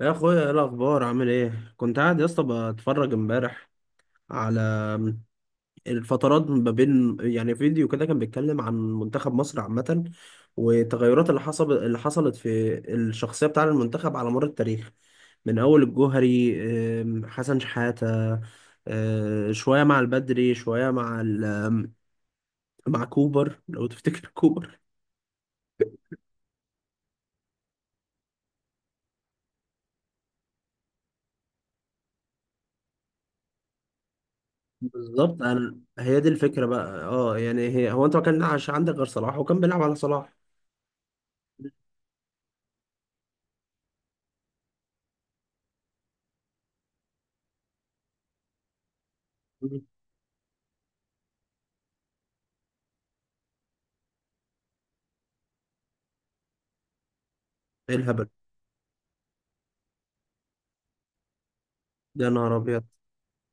يا اخويا ايه الاخبار عامل ايه كنت قاعد يا اسطى. بتفرج امبارح على الفترات ما بين فيديو كده كان بيتكلم عن منتخب مصر عامة، والتغيرات اللي حصلت في الشخصية بتاع المنتخب على مر التاريخ من اول الجوهري، حسن شحاتة، شوية مع البدري شوية مع كوبر لو تفتكر كوبر. بالظبط، هي دي الفكرة بقى، اه يعني هي هو انت ما كانش عندك غير صلاح وكان بيلعب على صلاح. ايه الهبل ده؟ يا نهار ابيض.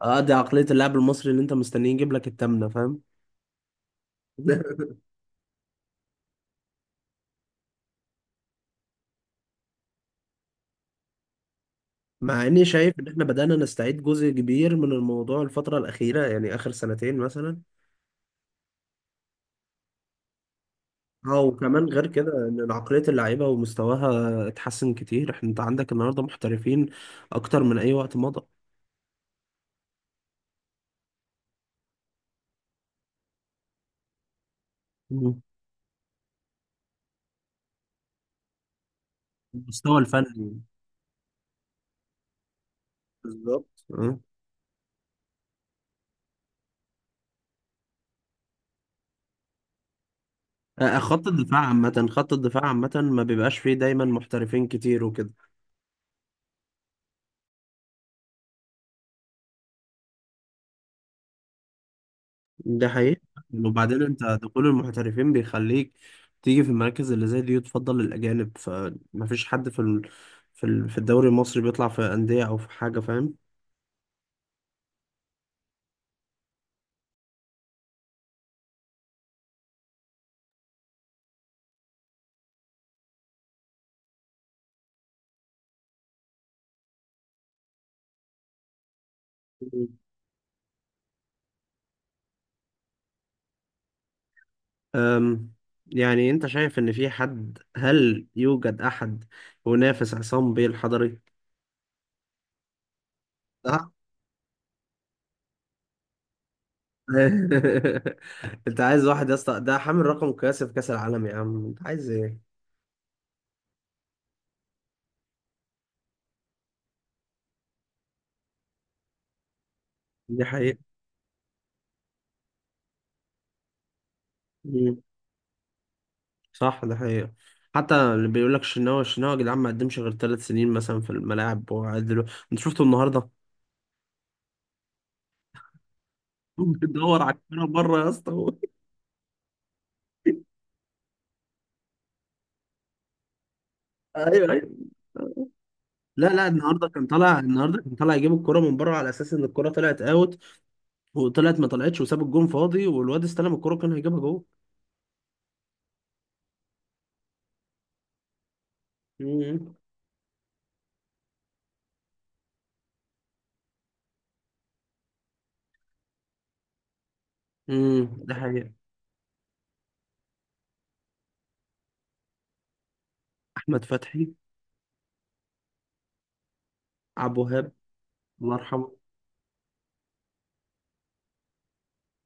اه، دي عقلية اللاعب المصري اللي انت مستنيه يجيب لك التامنة، فاهم؟ مع اني شايف ان احنا بدأنا نستعيد جزء كبير من الموضوع الفترة الأخيرة، يعني آخر سنتين مثلا. اه، وكمان غير كده ان عقلية اللعيبة ومستواها اتحسن كتير. احنا انت عندك النهاردة محترفين اكتر من اي وقت مضى. مم. المستوى الفني. بالظبط اه. خط الدفاع عامة، ما بيبقاش فيه دايما محترفين كتير وكده. ده حقيقي. وبعدين انت دخول المحترفين بيخليك تيجي في المراكز اللي زي دي وتفضل الأجانب، فمفيش حد في الدوري المصري بيطلع في أندية أو في حاجة، فاهم؟ أم... يعني انت شايف ان في حد، هل يوجد احد ينافس عصام بيه الحضري؟ صح؟ انت عايز واحد يا اسطى؟ ده حامل رقم قياسي في كأس العالم، يا عم انت عايز ايه؟ دي حقيقة. صح، ده حقيقة. حتى اللي بيقول لك الشناوي الشناوي، يا جدعان ما قدمش غير ثلاث سنين مثلا في الملاعب، انت شفته النهارده. بيدور على الكوره بره يا اسطى هو. ايوه ايوه. لا لا، النهارده كان طالع، النهارده كان طالع يجيب الكوره من بره على اساس ان الكوره طلعت اوت، وطلعت ما طلعتش، وساب الجون فاضي، والواد استلم الكوره كان هيجيبها جوه. امم. امم، ده حقيقة. احمد فتحي. عبد الوهاب. الله يرحمه.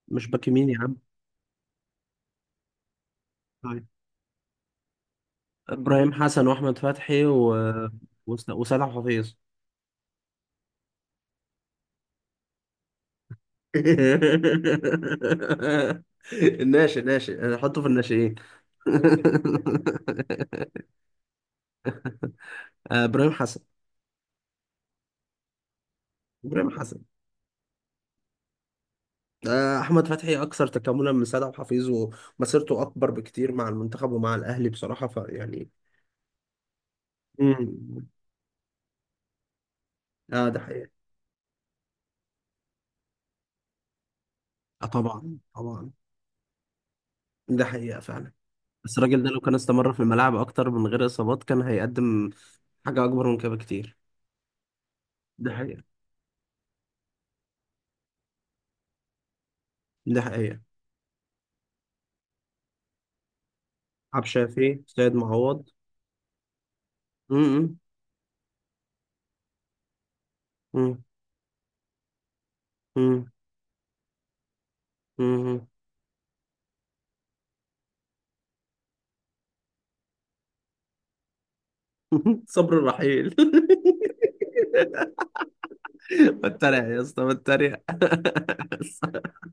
مش باك يمين يا عم؟ طيب. ابراهيم حسن واحمد فتحي وسيد عبد الحفيظ. الناشئ ناشئ، انا احطه في الناشئين. آه، ابراهيم حسن. ابراهيم حسن. آه، احمد فتحي اكثر تكاملا من سيد عبد الحفيظ، ومسيرته اكبر بكتير مع المنتخب ومع الاهلي بصراحه، فيعني. مم. اه ده حقيقه. آه طبعا طبعا. ده حقيقه فعلا. بس الراجل ده لو كان استمر في الملاعب اكتر من غير اصابات كان هيقدم حاجه اكبر من كده بكتير. ده حقيقه، ده حقيقه. عبد الشافي، سيد معوض. امم. مم. صبر الرحيل. بتريق يا اسطى، بتريق.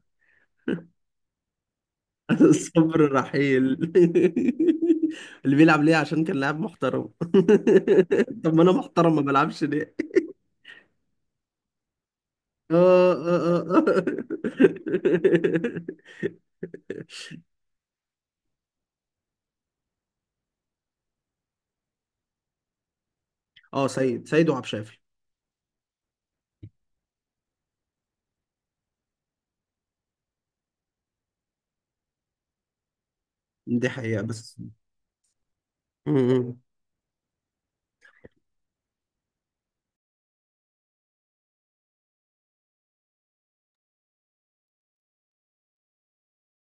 صبر الرحيل. اللي بيلعب ليه عشان كان لاعب محترم. طب ما انا محترم، ما بلعبش ليه؟ اه اه اه. اه، آه، سيد وعبد الشافي. دي حقيقة بس. مم.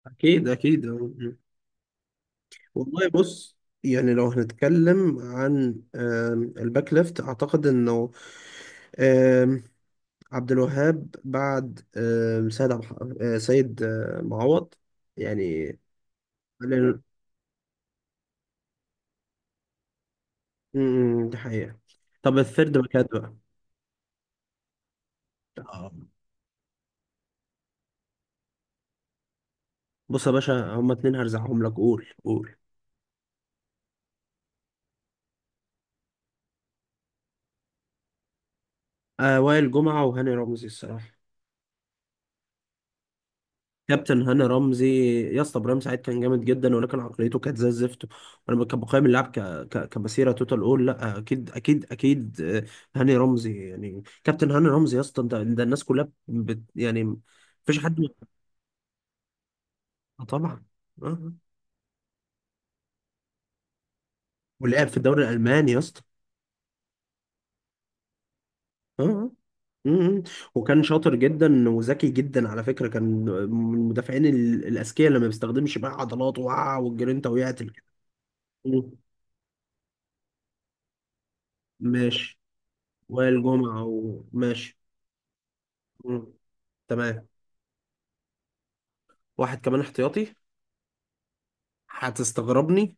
اكيد اكيد. مم. والله بص، يعني لو هنتكلم عن الباك ليفت، اعتقد انه عبد الوهاب بعد آم، سيد عبد الح- آه، سيد آه، معوض يعني. قال إن- م- م، دي حقيقة. طب الثيرد باكات بقى. آه. بص يا باشا، هما اتنين هرزعهم لك، قول قول. آه، وائل جمعة وهاني رمزي الصراحة. كابتن هاني رمزي. يا اسطى ابراهيم سعيد كان جامد جدا، ولكن عقليته كانت زي الزفت. بقيم اللعب كمسيره توتال اول. لا اكيد اكيد اكيد. آه، هاني رمزي يعني، كابتن هاني رمزي يا اسطى، ده الناس كلها يعني مفيش حد. آه طبعا. آه. آه. ولعب في الدوري الألماني يا اسطى. آه. آه. مم. وكان شاطر جدا وذكي جدا على فكرة، كان من المدافعين الأذكياء اللي ما بيستخدمش بقى عضلاته، وقع، والجرينتا وقعت الكلام. مم. ماشي. وائل جمعة، وماشي. مم. تمام. واحد كمان احتياطي. هتستغربني.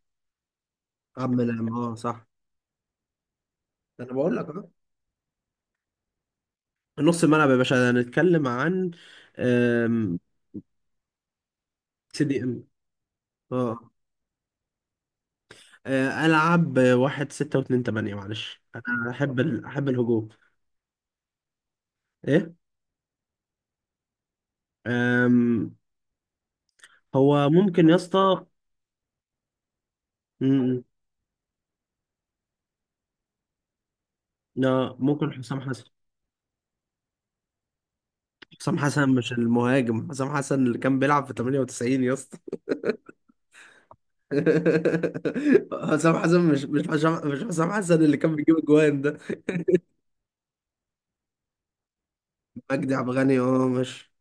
عم، نعم، اه صح. ده انا بقول لك اهو. نص الملعب يا باشا هنتكلم عن. سي دي ام. اه. آه، ألعب واحد ستة واتنين تمانية، معلش أنا أحب الهجوم. إيه؟ أم... هو ممكن يا اسطى. م- لا، ممكن حسام حسن. حسام حسن مش المهاجم، حسام حسن اللي كان بيلعب في 98 يا اسطى. حسام حسن، مش حسام حسن اللي كان بيجيب اجوان ده. مجدي عبد الغني اه مش.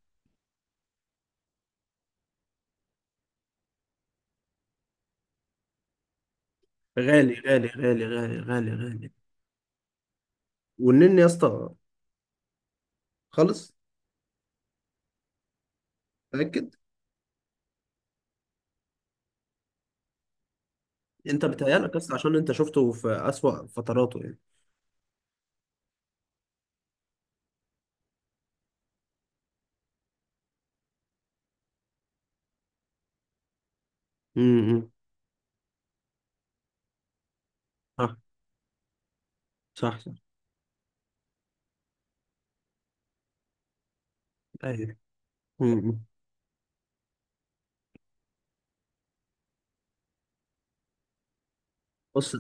غالي غالي غالي غالي غالي غالي. والنني يا اسطى. خالص. متأكد. انت بتهيألك اصلا عشان انت شفته في أسوأ فتراته يعني. امم. صح صح صح. ايوه. امم. بص.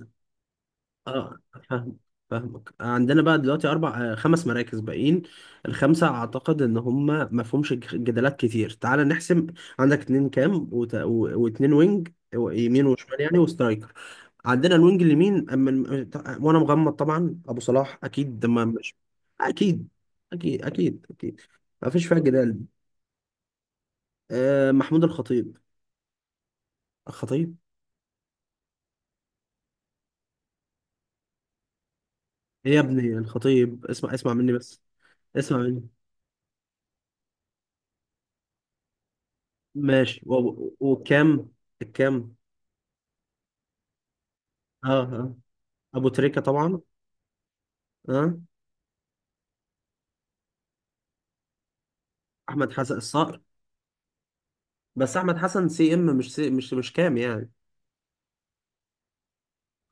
اه. فاهم. فاهمك. عندنا بقى دلوقتي اربع آه، خمس مراكز باقيين. الخمسه اعتقد ان هم ما فيهمش جدالات كتير، تعال نحسم. عندك اتنين كام، واتنين وينج، يمين وشمال يعني، وسترايكر. عندنا الوينج اليمين وانا مغمض طبعا، ابو صلاح اكيد، ما مش. اكيد اكيد اكيد اكيد، ما فيش فيها جدال. آه، محمود الخطيب. الخطيب. ايه يا ابني الخطيب، اسمع اسمع مني بس. اسمع مني. ماشي. وكام؟ الكام. اه اه. ابو تريكة طبعا. اه. احمد حسن الصقر. بس احمد حسن سي ام، مش سي مش مش كام يعني.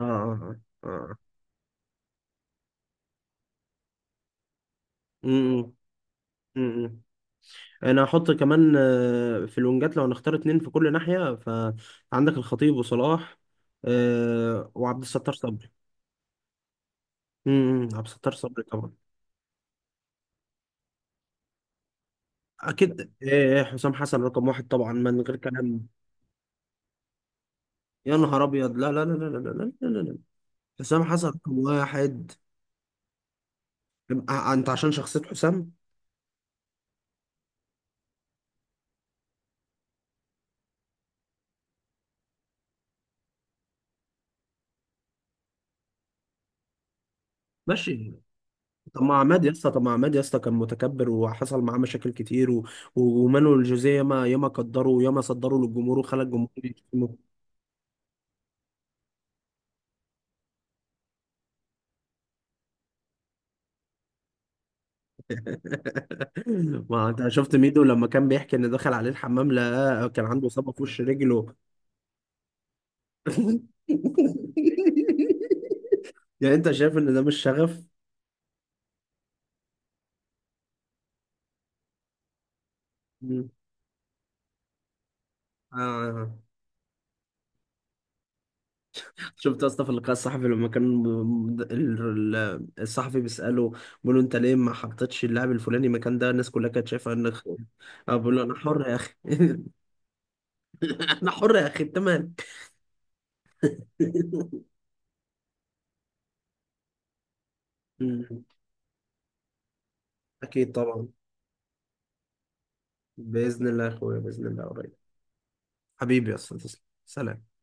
اه اه اه اه. امم. امم. انا هحط كمان آه، في الونجات لو هنختار اتنين في كل ناحية، فعندك الخطيب وصلاح، آه، وعبد الستار صبري. امم، عبد الستار صبري طبعا. اكيد، آه، حسام حسن رقم واحد طبعا من غير كلام. يا نهار ابيض، لا لا لا لا لا لا لا لا، حسام حسن رقم واحد. انت عشان شخصية حسام. ماشي. طب ما عماد يا اسطى، طب ما عماد يا اسطى كان متكبر وحصل معاه مشاكل كتير ومانويل جوزيه ياما ياما قدره وياما صدره للجمهور وخلى الجمهور يشتمه. ما انت شفت ميدو لما كان بيحكي ان دخل عليه الحمام، لا كان عنده اصابة في وش رجله. يعني انت شايف ان ده مش شغف؟ مم. آه. شفت يا اسطى في اللقاء الصحفي لما كان الصحفي بيسأله، بيقول له انت ليه ما حطيتش اللاعب الفلاني مكان ده، الناس كلها كانت شايفه انك اه، بيقول له انا حر يا اخي. انا حر يا اخي، انت مالك؟ أمم. اكيد طبعا. باذن الله يا اخويا، باذن الله قريب. حبيبي يا اسطى، تسلم، سلام.